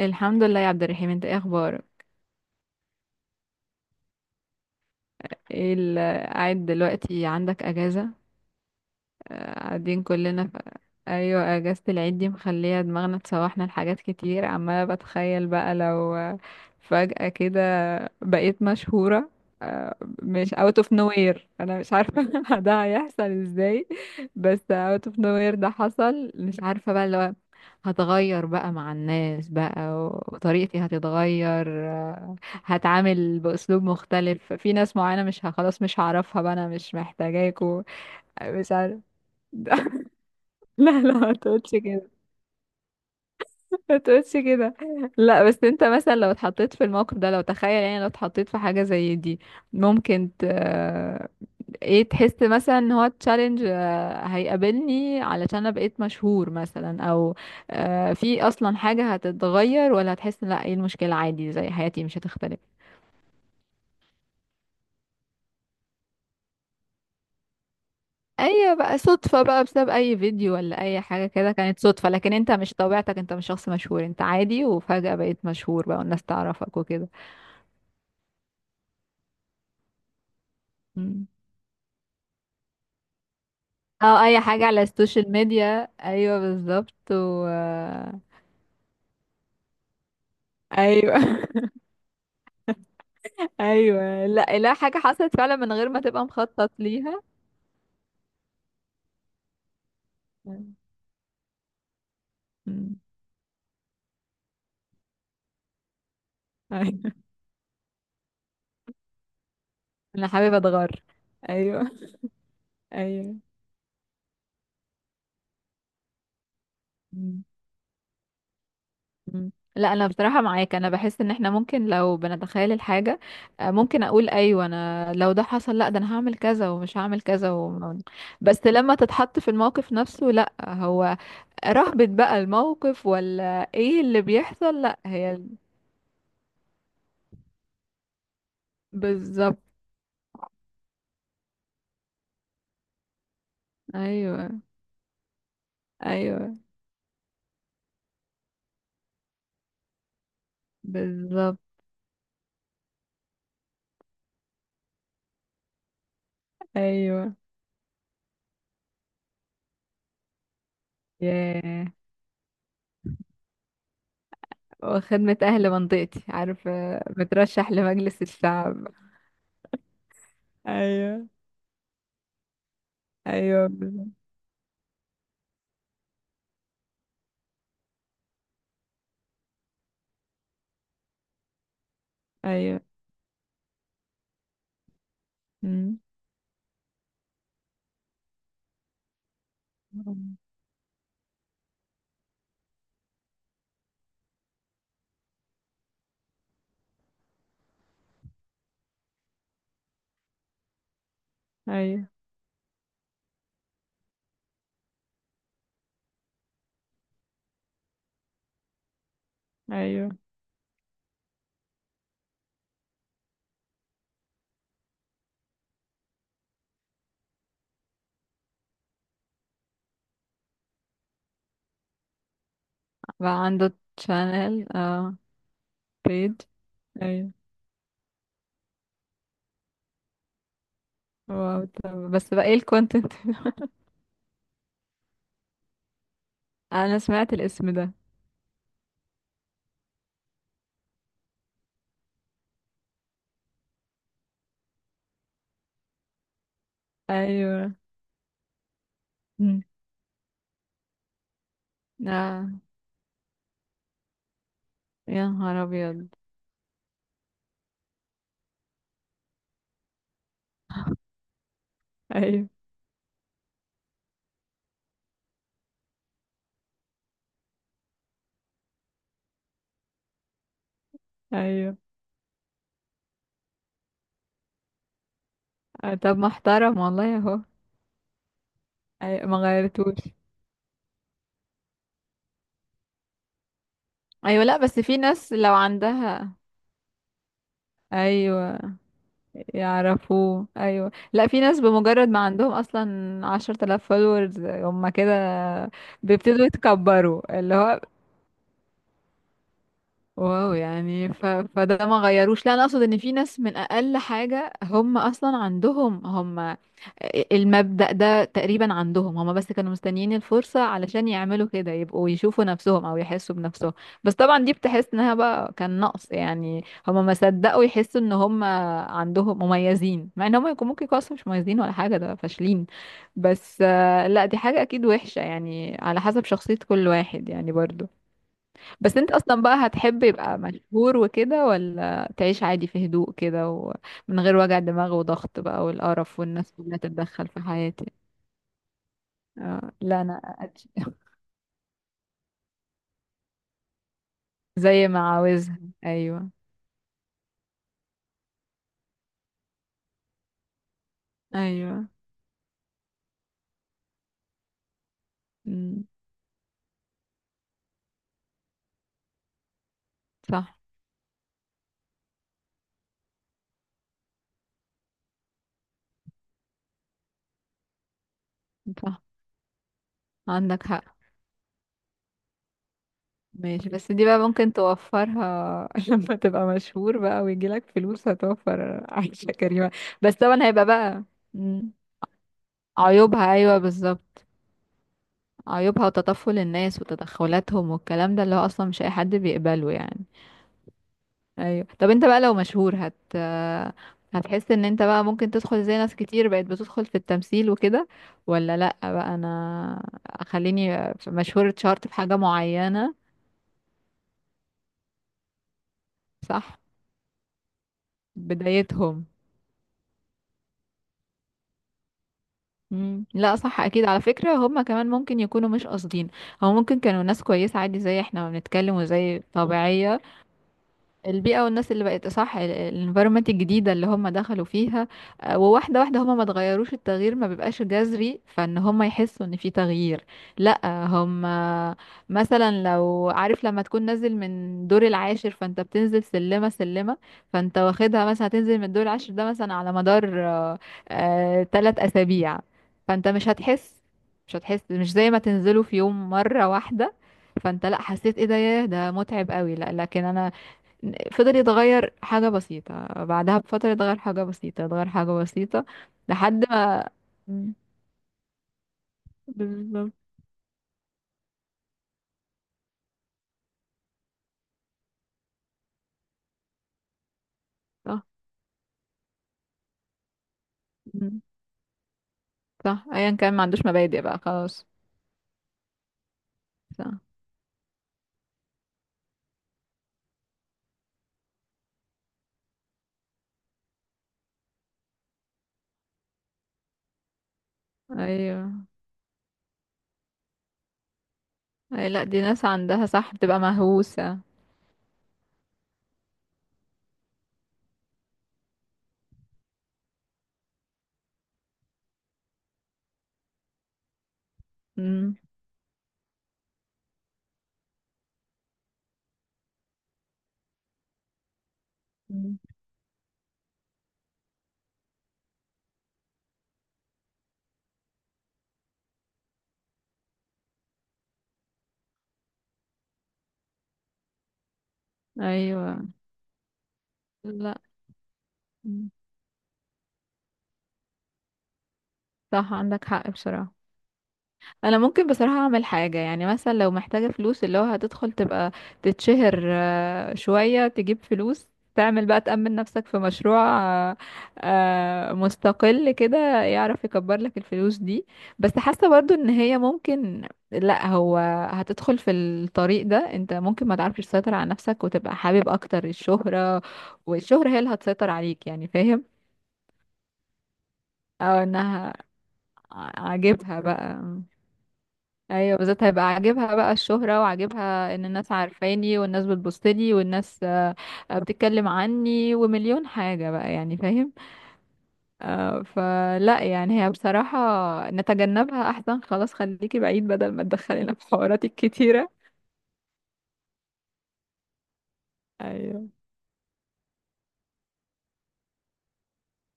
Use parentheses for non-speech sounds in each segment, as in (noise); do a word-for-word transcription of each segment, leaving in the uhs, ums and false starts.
الحمد لله يا عبد الرحيم، انت ايه اخبارك؟ ايه ال- قاعد دلوقتي عندك اجازة؟ آه، قاعدين كلنا ف... ايوه، اجازة العيد دي مخلية دماغنا تسوحنا لحاجات كتير. عمالة بتخيل بقى لو آه، فجأة كده بقيت مشهورة. آه، مش out of nowhere، انا مش عارفة (laughs) ده هيحصل ازاي. بس out of nowhere ده حصل، مش عارفة بقى. هتغير بقى مع الناس بقى، وطريقتي هتتغير. آه، هتعامل بأسلوب مختلف في ناس معينة. مش ه- خلاص، مش هعرفها بقى، أنا مش محتاجاكوا. آه، مش عارف (laughs) لا لا، ما تقولش كده، ما تقولش كده. لا بس انت مثلا لو اتحطيت في الموقف ده، لو تخيل يعني لو اتحطيت في حاجة زي دي، ممكن ت... آه، ايه تحس مثلا ان هو تشالنج هيقابلني علشان انا بقيت مشهور مثلا، او آه، في اصلا حاجة هتتغير، ولا هتحس ان لا، ايه المشكلة، عادي زي حياتي مش هتختلف؟ اي بقى صدفة، بقى بسبب اي فيديو ولا اي حاجة كده كانت صدفة، لكن انت مش طبيعتك، انت مش شخص مشهور، انت عادي وفجأة بقيت مشهور بقى والناس تعرفك وكده، او اي حاجة على السوشيال ميديا. ايوه بالظبط. و ايوه (laughs) ايوه. لا لا، حاجة حصلت فعلا من غير ما تبقى مخطط ليها. أمم. ايوه. انا حابب اتغر. ايوه. ايوه. أمم. أمم. لا انا بصراحة معاك، انا بحس ان احنا ممكن لو بنتخيل الحاجة، آه، ممكن اقول ايوه انا لو ده حصل لا، ده انا هعمل كذا ومش هعمل كذا و... بس لما تتحط في الموقف نفسه، لا هو رهبة بقى الموقف، ولا ايه اللي بيحصل؟ لا هي ال- بالظبط. ايوه. ايوه بالظبط. ايوه. ياه. وخدمة اهل منطقتي، عارفة، بترشح لمجلس الشعب. ايوه. ايوه بالظبط. ايوه. مم. ايوه. ايوه. بقى عنده شانل، اه، بيج. ايوه. واو، طب بس بقى ايه الكونتنت؟ (laughs) انا سمعت الاسم ده. ايوه. مم. اه. يا نهار ابيض. ايوه. ايوه. آه، طب محترم والله اهو. أيوة، ما غيرتوش. ايوه، لا بس في ناس لو عندها. ايوه، يعرفوه. ايوه، لا في ناس بمجرد ما عندهم اصلا عشرة آلاف فولورز، هم كده بيبتدوا يتكبروا، اللي هو واو. يعني ف... فده ما غيروش. لا انا اقصد ان في ناس من اقل حاجة هم اصلا عندهم، هم المبدأ ده تقريبا عندهم. هما بس كانوا مستنيين الفرصة علشان يعملوا كده، يبقوا يشوفوا نفسهم او يحسوا بنفسهم. بس طبعا دي بتحس انها بقى كان نقص، يعني هما ما صدقوا يحسوا ان هما عندهم مميزين، مع ان هما يكون ممكن يكونوا أصلاً مش مميزين ولا حاجة، ده فاشلين. بس آه، لا دي حاجة اكيد وحشة، يعني على حسب شخصية كل واحد يعني برضو. بس انت اصلا بقى هتحب يبقى مشهور وكده، ولا تعيش عادي في هدوء كده ومن غير وجع دماغ وضغط بقى والقرف والناس كلها تتدخل في حياتي؟ اه، لا انا. أت- (laughs) زي ما عاوزها. ايوه. ايوه. امم. صح. صح عندك حق. ماشي، بس دي بقى ممكن توفرها (laughs) لما تبقى مشهور بقى ويجيلك فلوس هتوفر عيشة كريمة. بس طبعا هيبقى بقى. مم. عيوبها، ايوه بالظبط. عيوبها وتطفل الناس وتدخلاتهم والكلام ده اللي هو اصلا مش اي حد بيقبله يعني. ايوه، طب انت بقى لو مشهور هت، هتحس ان انت بقى ممكن تدخل زي ناس كتير بقت بتدخل في التمثيل وكده، ولا لا بقى انا خليني مشهور، اتشهرت في حاجة معينة؟ صح. بدايتهم. مم. لا صح اكيد، على فكرة هم كمان ممكن يكونوا مش قاصدين. هو ممكن كانوا ناس كويسة عادي زي احنا ما بنتكلم وزي طبيعية. البيئة والناس اللي بقت، صح، الانفيرومنت الجديدة اللي هم دخلوا فيها. آه، وواحدة واحدة، هم ما تغيروش، التغيير ما بيبقاش جذري فان هم يحسوا ان في تغيير. لا، هم مثلا لو عارف لما تكون نازل من دور العاشر، فانت بتنزل سلمة سلمة. فانت واخدها مثلا هتنزل من الدور العاشر ده مثلا على مدار ثلاث اسابيع. فانت مش هتحس، مش هتحس، مش زي ما تنزله في يوم مرة واحدة. فانت لا حسيت ايه ده، ياه ده متعب قوي. لا لكن انا فضل يتغير حاجة بسيطة، بعدها بفترة اتغير حاجة بسيطة، اتغير حاجة بسيطة لحد ما. مم. بالظبط. صح. مم. صح، ايا كان ما عندوش مبادئ بقى، خلاص. صح. ايوه. اي لا دي ناس عندها، صح، بتبقى مهووسة. مم. مم. ايوه. لا. مم. صح عندك حق بصراحة. انا ممكن بصراحة اعمل حاجة، يعني مثلا لو محتاجة فلوس اللي هو هتدخل تبقى تتشهر آه، شوية تجيب فلوس، تعمل بقى تأمن نفسك في مشروع آه، آه، مستقل كده يعرف يكبر لك الفلوس دي. بس حاسة برضو ان هي ممكن لا، هو هتدخل في الطريق ده انت ممكن ما تعرفش تسيطر على نفسك وتبقى حابب اكتر الشهرة، والشهرة هي اللي هتسيطر عليك، يعني فاهم؟ او انها عاجبها بقى. ايوه، بالذات هيبقى عاجبها بقى الشهرة، وعاجبها ان الناس عارفاني والناس بتبصلي والناس آه، آه، بتتكلم عني ومليون حاجة بقى، يعني فاهم؟ آه، فلا يعني هي بصراحة نتجنبها احسن، خلاص خليكي بعيد بدل ما تدخلينا في حوارات الكتيرة. ايوه.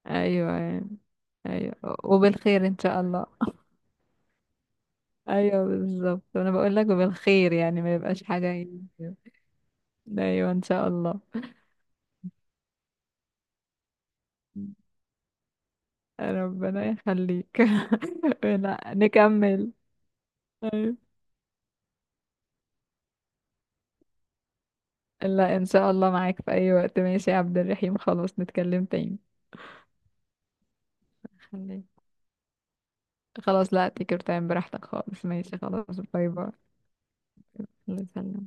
ايوه يعني. ايوه. وبالخير ان شاء الله. ايوه بالظبط، انا بقول لك وبالخير يعني ما يبقاش حاجة يعني. ايوه ان شاء الله. ربنا يخليك (laughs) لا نكمل. أيوة. لا ان شاء الله معاك في اي وقت. ماشي يا عبد الرحيم، خلاص نتكلم تاني. خليك. خلاص، لا تيكر تايم براحتك خالص. ماشي، خلاص، باي باي. الله يسلمك.